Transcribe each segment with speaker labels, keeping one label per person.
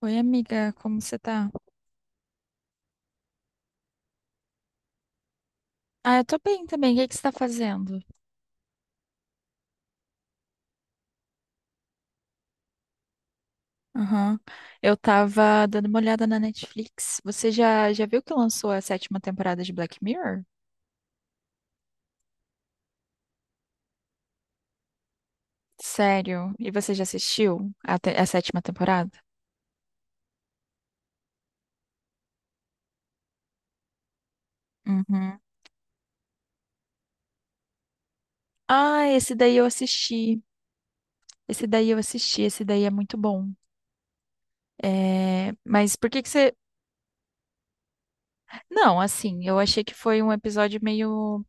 Speaker 1: Oi, amiga, como você tá? Ah, eu tô bem também. O que que você tá fazendo? Aham. Eu tava dando uma olhada na Netflix. Você já viu que lançou a sétima temporada de Black Mirror? Sério? E você já assistiu a sétima temporada? Uhum. Ah, esse daí eu assisti. Esse daí eu assisti. Esse daí é muito bom. É, mas por que que você. Não, assim, eu achei que foi um episódio meio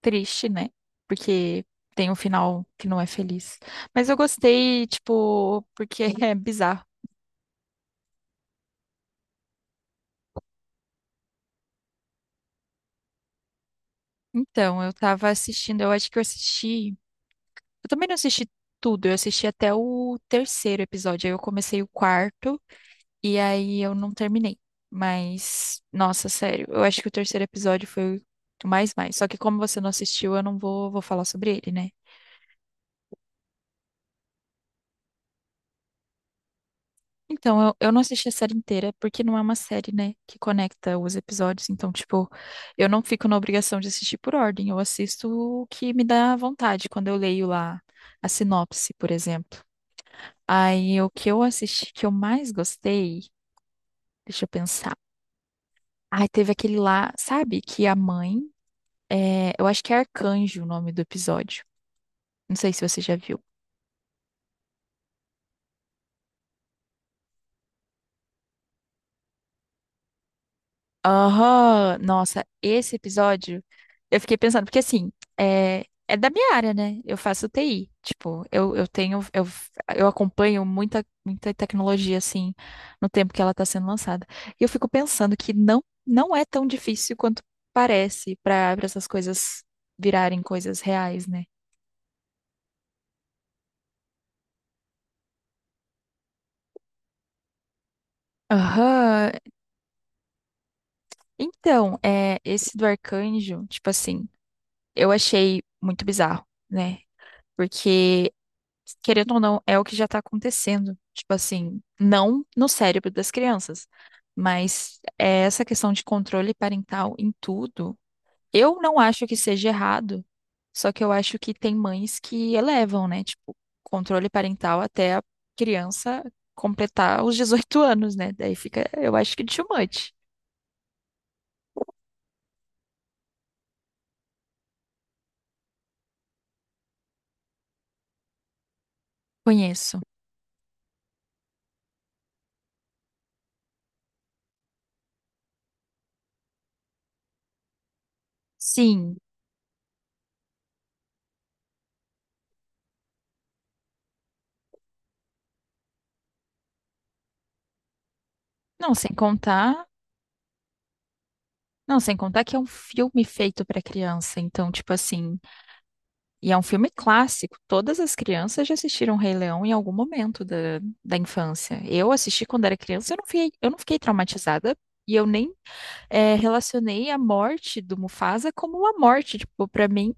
Speaker 1: triste, né? Porque tem um final que não é feliz. Mas eu gostei, tipo, porque é bizarro. Então, eu tava assistindo, eu acho que eu assisti. Eu também não assisti tudo, eu assisti até o terceiro episódio. Aí eu comecei o quarto e aí eu não terminei. Mas, nossa, sério, eu acho que o terceiro episódio foi o mais mais. Só que como você não assistiu, eu não vou falar sobre ele, né? Então, eu não assisti a série inteira, porque não é uma série, né, que conecta os episódios. Então, tipo, eu não fico na obrigação de assistir por ordem. Eu assisto o que me dá vontade quando eu leio lá a sinopse, por exemplo. Aí, o que eu assisti que eu mais gostei, deixa eu pensar. Ai, teve aquele lá, sabe, que a mãe, é, eu acho que é Arcanjo o nome do episódio. Não sei se você já viu. Aham, nossa, esse episódio eu fiquei pensando, porque assim, é da minha área, né? Eu faço TI, tipo, eu tenho, eu acompanho muita, muita tecnologia, assim, no tempo que ela tá sendo lançada. E eu fico pensando que não, não é tão difícil quanto parece para essas coisas virarem coisas reais, né? Aham, então, é, esse do arcanjo, tipo assim, eu achei muito bizarro, né? Porque querendo ou não, é o que já tá acontecendo. Tipo assim, não no cérebro das crianças, mas é essa questão de controle parental em tudo. Eu não acho que seja errado, só que eu acho que tem mães que elevam, né? Tipo, controle parental até a criança completar os 18 anos, né? Daí fica, eu acho que too much. Conheço. Sim. Não, sem contar. Não, sem contar que é um filme feito pra criança. Então, tipo assim. E é um filme clássico. Todas as crianças já assistiram Rei Leão em algum momento da, da infância. Eu assisti quando era criança, eu não fiquei traumatizada. E eu nem relacionei a morte do Mufasa como uma morte. Tipo, pra mim,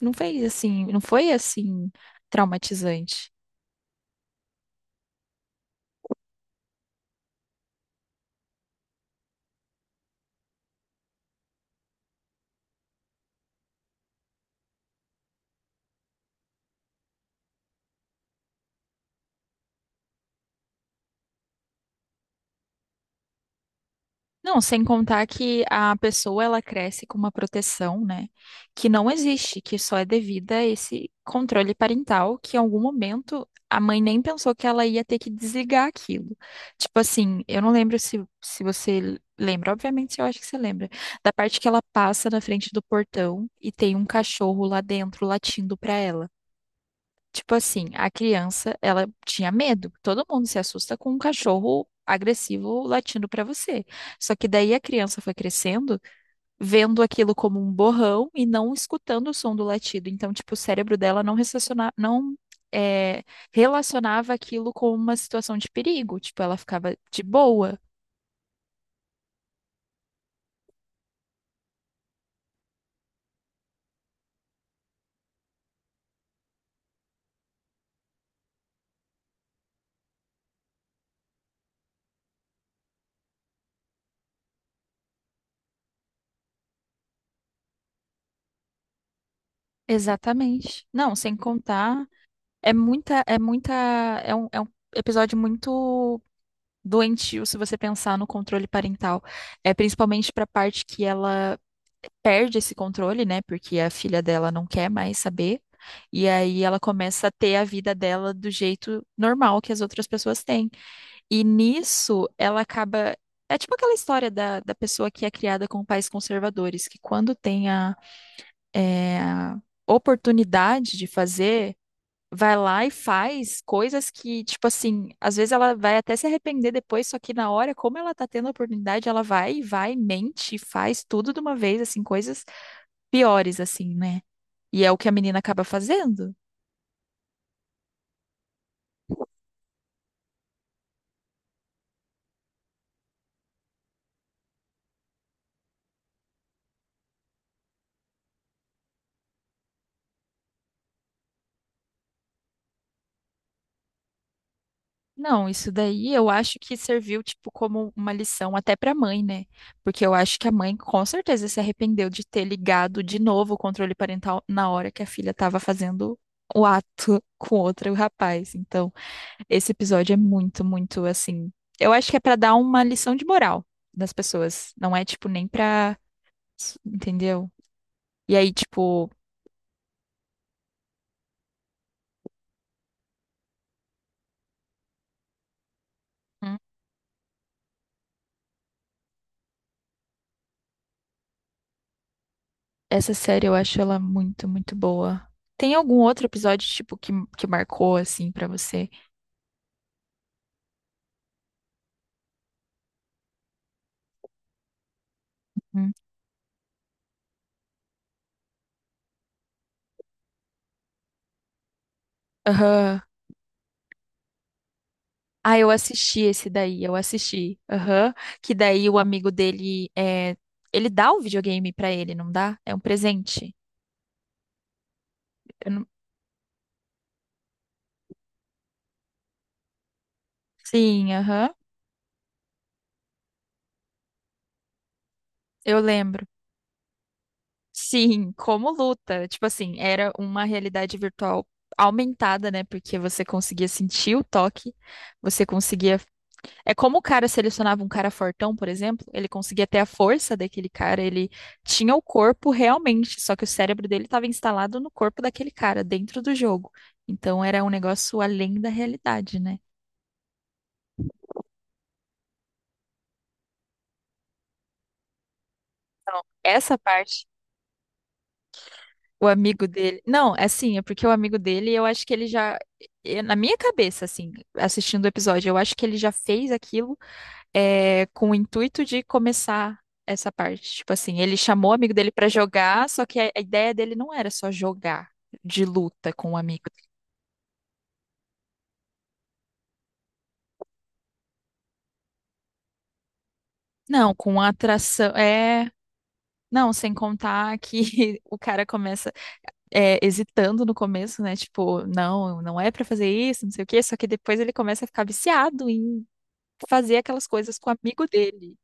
Speaker 1: não fez assim, não foi assim traumatizante. Não, sem contar que a pessoa ela cresce com uma proteção, né, que não existe, que só é devida a esse controle parental, que em algum momento a mãe nem pensou que ela ia ter que desligar aquilo. Tipo assim, eu não lembro se você lembra, obviamente eu acho que você lembra, da parte que ela passa na frente do portão e tem um cachorro lá dentro latindo pra ela. Tipo assim, a criança, ela tinha medo. Todo mundo se assusta com um cachorro agressivo latindo pra você. Só que daí a criança foi crescendo, vendo aquilo como um borrão e não escutando o som do latido. Então, tipo, o cérebro dela não relaciona, não é, relacionava aquilo com uma situação de perigo. Tipo, ela ficava de boa. Exatamente. Não, sem contar, é muita, é muita, é um episódio muito doentio se você pensar no controle parental. É principalmente para a parte que ela perde esse controle, né? Porque a filha dela não quer mais saber. E aí ela começa a ter a vida dela do jeito normal que as outras pessoas têm. E nisso ela acaba. É tipo aquela história da, da pessoa que é criada com pais conservadores, que quando tem a oportunidade de fazer vai lá e faz coisas que, tipo assim, às vezes ela vai até se arrepender depois, só que na hora, como ela tá tendo a oportunidade, ela vai e vai, mente, e faz tudo de uma vez, assim, coisas piores, assim, né? E é o que a menina acaba fazendo. Não, isso daí eu acho que serviu, tipo, como uma lição até pra mãe, né? Porque eu acho que a mãe com certeza se arrependeu de ter ligado de novo o controle parental na hora que a filha tava fazendo o ato com outro rapaz. Então, esse episódio é muito, muito assim. Eu acho que é pra dar uma lição de moral nas pessoas. Não é, tipo, nem pra. Entendeu? E aí, tipo, hum, essa série eu acho ela muito, muito boa. Tem algum outro episódio, tipo, que marcou, assim, pra você? Hum. Aham. Ah, eu assisti esse daí, eu assisti. Aham. Que daí o amigo dele é. Ele dá o videogame pra ele, não dá? É um presente. Eu não- Sim, aham. Eu lembro. Sim, como luta. Tipo assim, era uma realidade virtual aumentada, né? Porque você conseguia sentir o toque, você conseguia. É como o cara selecionava um cara fortão, por exemplo, ele conseguia ter a força daquele cara, ele tinha o corpo realmente, só que o cérebro dele estava instalado no corpo daquele cara, dentro do jogo. Então era um negócio além da realidade, né? Então, essa parte. O amigo dele. Não, é assim, é porque o amigo dele, eu acho que ele já. Na minha cabeça, assim, assistindo o episódio, eu acho que ele já fez aquilo com o intuito de começar essa parte. Tipo assim, ele chamou o amigo dele pra jogar, só que a ideia dele não era só jogar de luta com o amigo. Não, com a atração. É. Não, sem contar que o cara começa hesitando no começo, né? Tipo, não, não é pra fazer isso, não sei o quê. Só que depois ele começa a ficar viciado em fazer aquelas coisas com o amigo dele.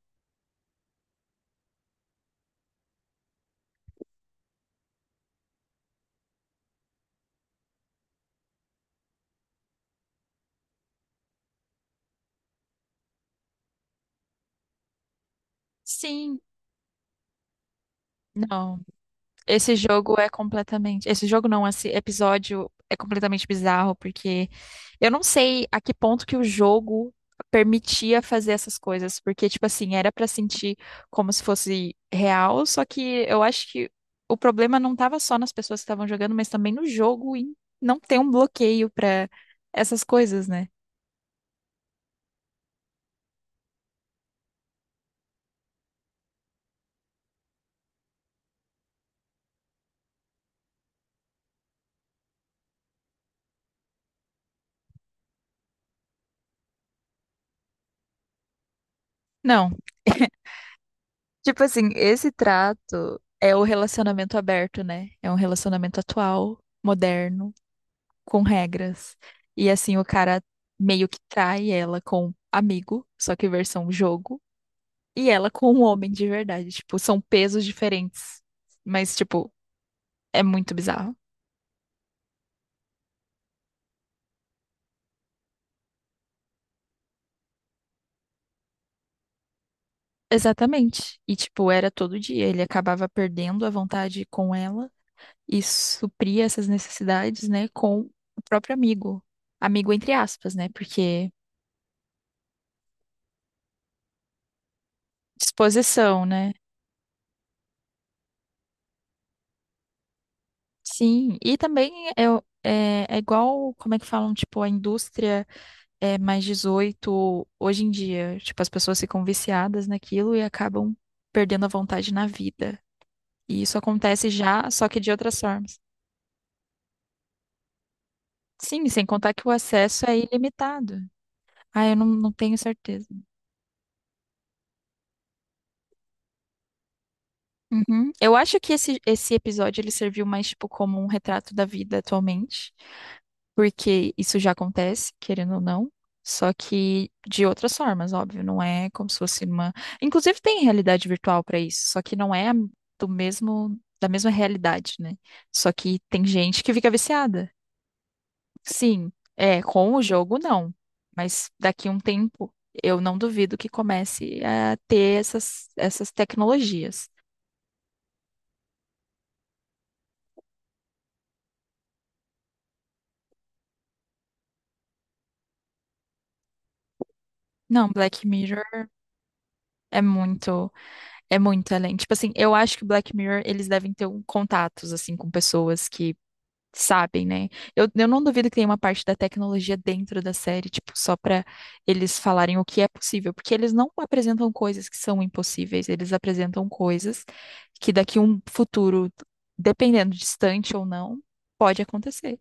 Speaker 1: Sim, não. Esse jogo é completamente. Esse jogo não, esse episódio é completamente bizarro, porque eu não sei a que ponto que o jogo permitia fazer essas coisas, porque, tipo assim, era pra sentir como se fosse real, só que eu acho que o problema não tava só nas pessoas que estavam jogando, mas também no jogo em não ter um bloqueio pra essas coisas, né? Não. Tipo assim, esse trato é o relacionamento aberto, né? É um relacionamento atual, moderno, com regras. E assim, o cara meio que trai ela com amigo, só que versão jogo, e ela com um homem de verdade. Tipo, são pesos diferentes. Mas, tipo, é muito bizarro. Exatamente. E, tipo, era todo dia. Ele acabava perdendo a vontade com ela e supria essas necessidades, né, com o próprio amigo. Amigo entre aspas, né? Porque. Disposição, né? Sim, e também é igual, como é que falam, tipo, a indústria é +18 hoje em dia. Tipo, as pessoas ficam viciadas naquilo e acabam perdendo a vontade na vida. E isso acontece já, só que de outras formas. Sim, sem contar que o acesso é ilimitado. Ah, eu não, não tenho certeza. Uhum. Eu acho que esse episódio ele serviu mais, tipo, como um retrato da vida atualmente. Porque isso já acontece, querendo ou não, só que de outras formas, óbvio, não é como se fosse uma. Inclusive tem realidade virtual para isso, só que não é do mesmo da mesma realidade, né? Só que tem gente que fica viciada. Sim, é, com o jogo não, mas daqui a um tempo eu não duvido que comece a ter essas tecnologias. Não, Black Mirror é muito É muito além. Tipo assim, eu acho que Black Mirror, eles devem ter um contatos, assim, com pessoas que sabem, né? Eu não duvido que tenha uma parte da tecnologia dentro da série, tipo, só pra eles falarem o que é possível, porque eles não apresentam coisas que são impossíveis, eles apresentam coisas que daqui a um futuro, dependendo distante ou não, pode acontecer.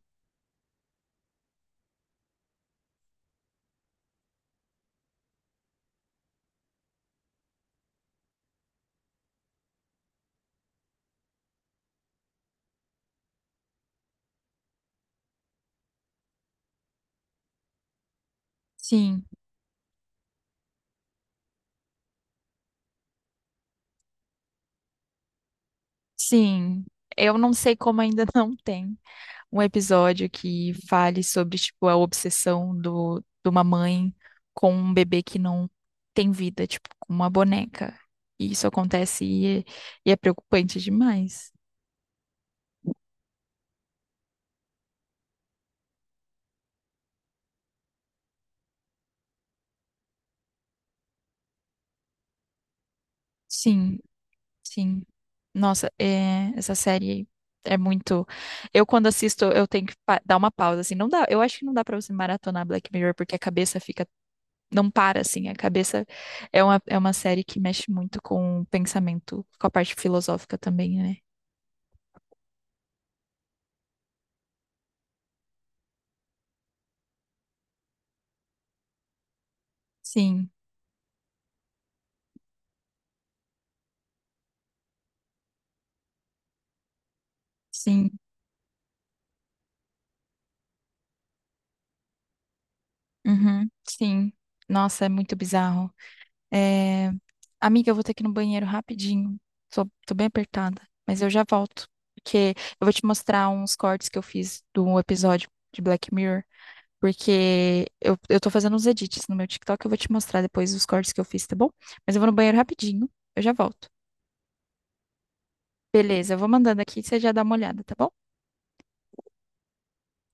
Speaker 1: Sim, sim. Eu não sei como ainda não tem um episódio que fale sobre, tipo, a obsessão de uma mãe com um bebê que não tem vida, tipo, com uma boneca. E isso acontece e é preocupante demais. Sim, sim. Nossa, é, essa série é muito. Eu, quando assisto, eu tenho que dar uma pausa, assim. Não dá, eu acho que não dá pra você maratonar Black Mirror, porque a cabeça fica. Não para, assim. A cabeça é uma série que mexe muito com o pensamento, com a parte filosófica também, né? Sim. Sim, uhum, sim. Nossa, é muito bizarro. É, amiga, eu vou ter que ir no banheiro rapidinho. Tô bem apertada, mas eu já volto. Porque eu vou te mostrar uns cortes que eu fiz do episódio de Black Mirror. Porque eu tô fazendo uns edits no meu TikTok, eu vou te mostrar depois os cortes que eu fiz, tá bom? Mas eu vou no banheiro rapidinho, eu já volto. Beleza, eu vou mandando aqui e você já dá uma olhada, tá bom?